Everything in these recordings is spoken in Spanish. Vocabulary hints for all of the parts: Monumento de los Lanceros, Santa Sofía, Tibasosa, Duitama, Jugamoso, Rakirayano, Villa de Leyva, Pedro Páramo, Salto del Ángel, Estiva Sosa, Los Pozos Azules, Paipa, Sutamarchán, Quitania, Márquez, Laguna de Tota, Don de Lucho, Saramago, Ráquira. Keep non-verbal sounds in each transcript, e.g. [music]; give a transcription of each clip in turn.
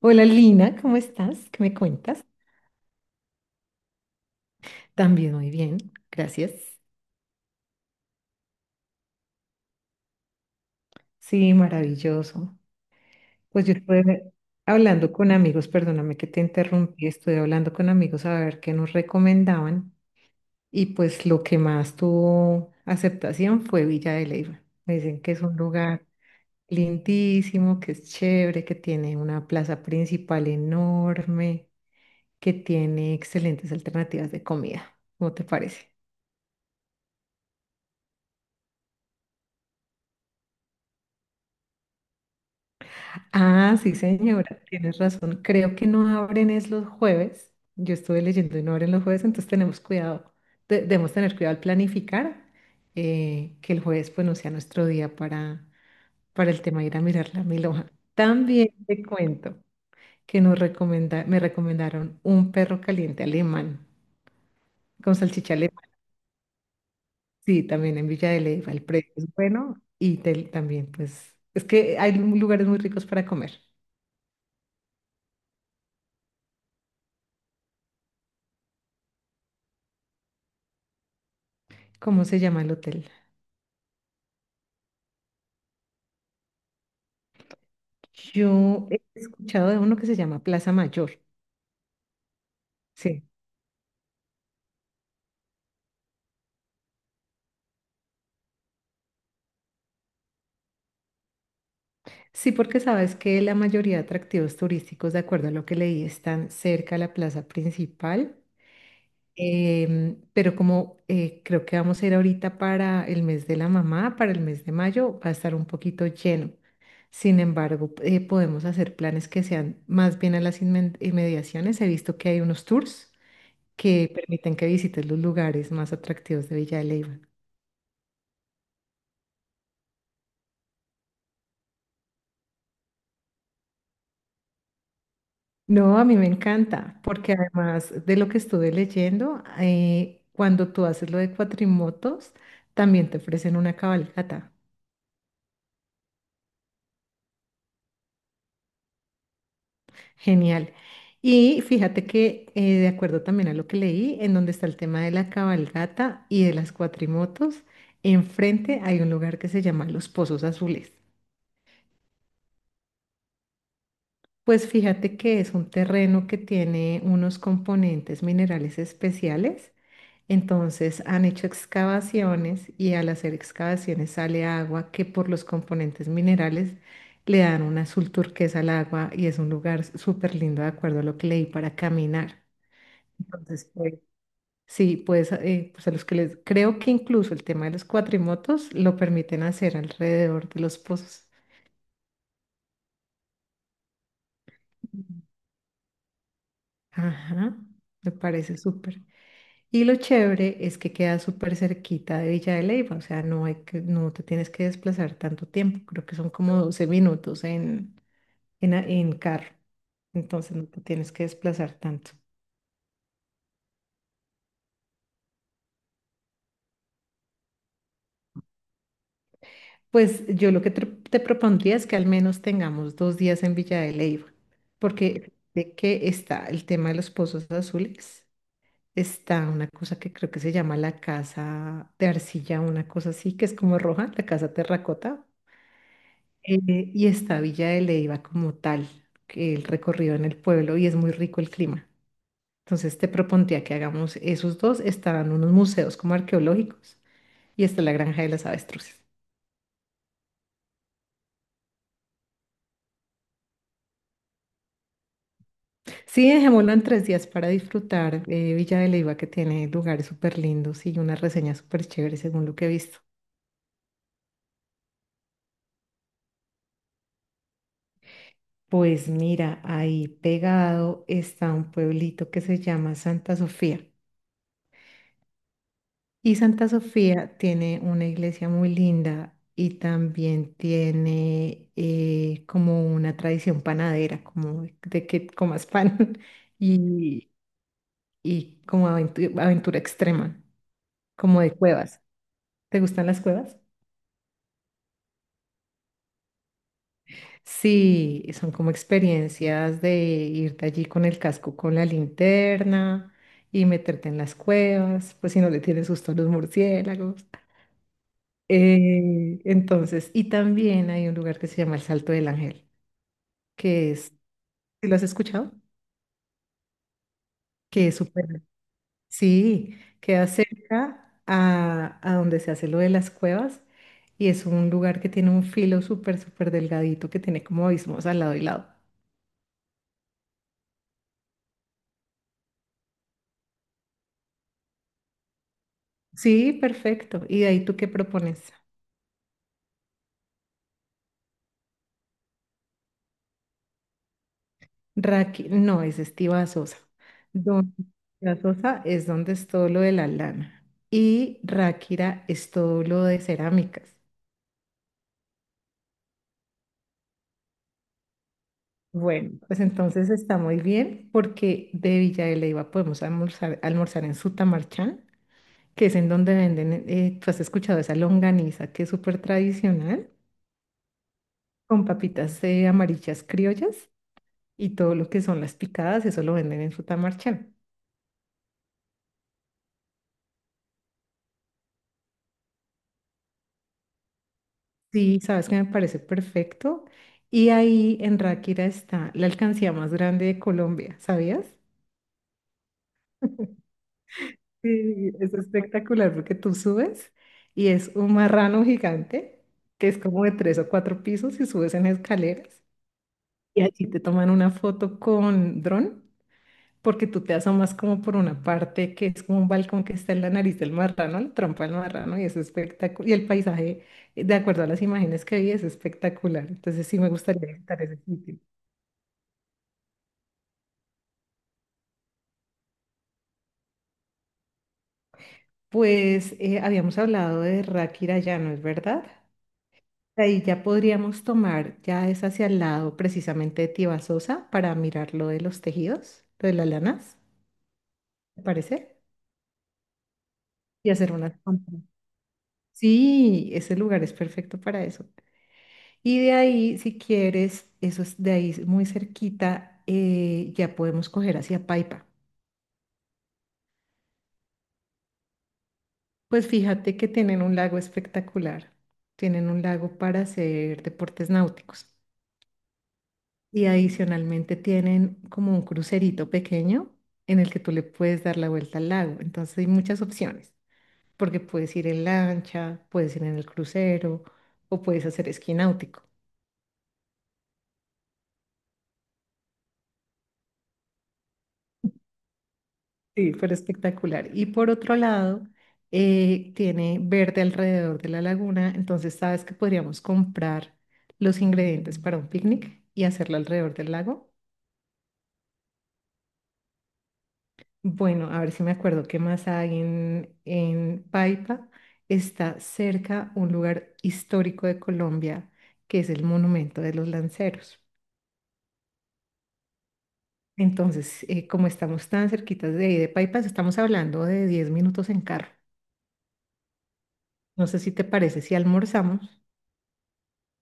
Hola Lina, ¿cómo estás? ¿Qué me cuentas? También muy bien, gracias. Sí, maravilloso. Pues yo estuve hablando con amigos, perdóname que te interrumpí, estuve hablando con amigos a ver qué nos recomendaban y pues lo que más tuvo aceptación fue Villa de Leyva. Me dicen que es un lugar lindísimo, que es chévere, que tiene una plaza principal enorme, que tiene excelentes alternativas de comida. ¿Cómo te parece? Ah, sí, señora, tienes razón. Creo que no abren es los jueves. Yo estuve leyendo y no abren los jueves, entonces tenemos cuidado. Debemos tener cuidado al planificar, que el jueves pues no sea nuestro día para el tema de ir a mirar la mil hojas. También te cuento que nos me recomendaron un perro caliente alemán con salchicha alemana. Sí, también en Villa de Leyva. El precio es bueno y también pues es que hay lugares muy ricos para comer. ¿Cómo se llama el hotel? Yo he escuchado de uno que se llama Plaza Mayor. Sí. Sí, porque sabes que la mayoría de atractivos turísticos, de acuerdo a lo que leí, están cerca de la plaza principal. Pero como creo que vamos a ir ahorita para el mes de la mamá, para el mes de mayo, va a estar un poquito lleno. Sin embargo, podemos hacer planes que sean más bien a las inmediaciones. He visto que hay unos tours que permiten que visites los lugares más atractivos de Villa de Leyva. No, a mí me encanta, porque además de lo que estuve leyendo, cuando tú haces lo de cuatrimotos, también te ofrecen una cabalgata. Genial. Y fíjate que, de acuerdo también a lo que leí, en donde está el tema de la cabalgata y de las cuatrimotos, enfrente hay un lugar que se llama Los Pozos Azules. Pues fíjate que es un terreno que tiene unos componentes minerales especiales. Entonces han hecho excavaciones y al hacer excavaciones sale agua que por los componentes minerales le dan un azul turquesa al agua y es un lugar súper lindo de acuerdo a lo que leí para caminar. Entonces, pues, sí, pues, pues a los que les creo que incluso el tema de los cuatrimotos lo permiten hacer alrededor de los pozos. Ajá, me parece súper. Y lo chévere es que queda súper cerquita de Villa de Leyva, o sea, no hay que, no te tienes que desplazar tanto tiempo, creo que son como 12 minutos en carro, entonces no te tienes que desplazar tanto. Pues yo lo que te propondría es que al menos tengamos 2 días en Villa de Leyva, porque de que está el tema de los pozos azules, está una cosa que creo que se llama la casa de arcilla, una cosa así, que es como roja, la casa terracota. Y está Villa de Leiva como tal, que el recorrido en el pueblo y es muy rico el clima. Entonces te propondría que hagamos esos dos, estarán unos museos como arqueológicos y está la Granja de las Avestruces. Sí, dejémoslo en 3 días para disfrutar, Villa de Leiva, que tiene lugares súper lindos y una reseña súper chévere según lo que he visto. Pues mira, ahí pegado está un pueblito que se llama Santa Sofía. Y Santa Sofía tiene una iglesia muy linda y también tiene, como una tradición panadera, como de que comas pan [laughs] y, y como aventura extrema, como de cuevas. ¿Te gustan las cuevas? Sí, son como experiencias de irte allí con el casco, con la linterna y meterte en las cuevas, pues si no le tienes susto a los murciélagos. Entonces, y también hay un lugar que se llama el Salto del Ángel, que es, ¿sí? ¿Lo has escuchado? Que es súper, sí, queda cerca a donde se hace lo de las cuevas y es un lugar que tiene un filo súper, súper delgadito que tiene como abismos al lado y lado. Sí, perfecto. ¿Y de ahí tú qué propones? Raqui, no, es Estiva Sosa. Don Estiva Sosa es donde es todo lo de la lana y Ráquira es todo lo de cerámicas. Bueno, pues entonces está muy bien porque de Villa de Leyva podemos almorzar, en Sutamarchán, que es en donde venden, tú has escuchado esa longaniza que es súper tradicional, con papitas, amarillas criollas y todo lo que son las picadas, eso lo venden en Sutamarchán. Sí, sabes que me parece perfecto. Y ahí en Ráquira está la alcancía más grande de Colombia, ¿sabías? Sí, es espectacular porque tú subes y es un marrano gigante que es como de 3 o 4 pisos y subes en escaleras y allí te toman una foto con dron porque tú te asomas como por una parte que es como un balcón que está en la nariz del marrano, la trompa del marrano y es espectacular. Y el paisaje, de acuerdo a las imágenes que vi, es espectacular. Entonces sí me gustaría visitar ese sitio. Pues habíamos hablado de Rakirayano, ¿es verdad? Ahí ya podríamos tomar, ya es hacia el lado precisamente de Tibasosa para mirar lo de los tejidos, lo de las lanas, ¿te parece? Y hacer unas compras. Sí, ese lugar es perfecto para eso. Y de ahí, si quieres, eso es de ahí muy cerquita, ya podemos coger hacia Paipa. Pues fíjate que tienen un lago espectacular. Tienen un lago para hacer deportes náuticos. Y adicionalmente tienen como un crucerito pequeño en el que tú le puedes dar la vuelta al lago. Entonces hay muchas opciones, porque puedes ir en lancha, puedes ir en el crucero o puedes hacer esquí náutico. Sí, pero espectacular. Y por otro lado, tiene verde alrededor de la laguna, entonces sabes que podríamos comprar los ingredientes para un picnic y hacerlo alrededor del lago. Bueno, a ver si me acuerdo qué más hay en Paipa. Está cerca un lugar histórico de Colombia, que es el Monumento de los Lanceros. Entonces, como estamos tan cerquitas de ahí de Paipa, estamos hablando de 10 minutos en carro. No sé si te parece si almorzamos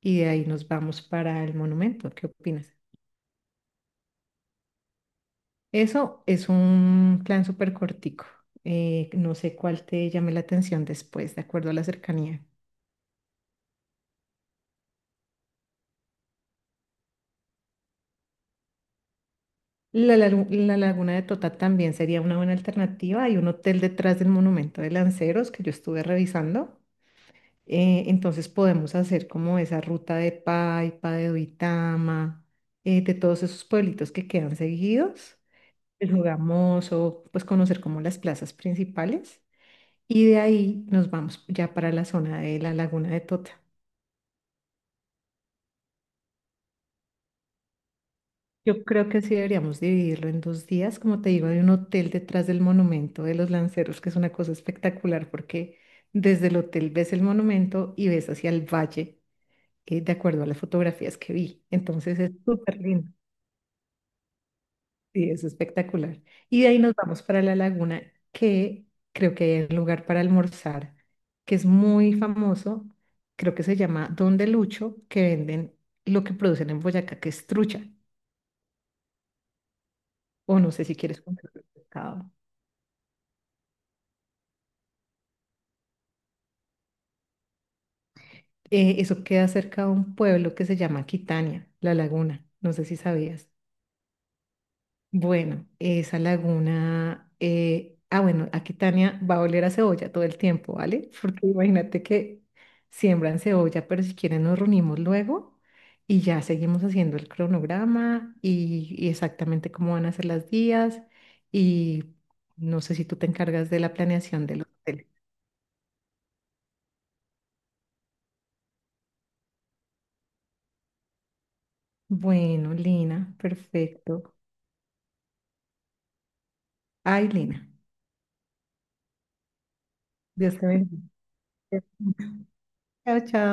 y de ahí nos vamos para el monumento. ¿Qué opinas? Eso es un plan súper cortico. No sé cuál te llame la atención después, de acuerdo a la cercanía. La laguna de Tota también sería una buena alternativa. Hay un hotel detrás del monumento de Lanceros que yo estuve revisando. Entonces podemos hacer como esa ruta de Paipa, de Duitama, de todos esos pueblitos que quedan seguidos, el Jugamoso, pues conocer como las plazas principales. Y de ahí nos vamos ya para la zona de la laguna de Tota. Yo creo que sí deberíamos dividirlo en 2 días. Como te digo, hay un hotel detrás del monumento de los lanceros, que es una cosa espectacular porque desde el hotel ves el monumento y ves hacia el valle, de acuerdo a las fotografías que vi. Entonces es súper lindo y es espectacular. Y de ahí nos vamos para la laguna, que creo que hay un lugar para almorzar, que es muy famoso, creo que se llama Don de Lucho, que venden lo que producen en Boyacá, que es trucha. O no sé si quieres comprar pescado. Eso queda cerca de un pueblo que se llama Quitania, La Laguna. No sé si sabías. Bueno, esa laguna, bueno, aquí Tania va a oler a cebolla todo el tiempo, ¿vale? [laughs] Porque imagínate que siembran cebolla, pero si quieren nos reunimos luego y ya seguimos haciendo el cronograma y exactamente cómo van a ser las días y no sé si tú te encargas de la planeación del hotel. Bueno, Lina, perfecto. Ay, Lina, Dios te bendiga. Chao, chao.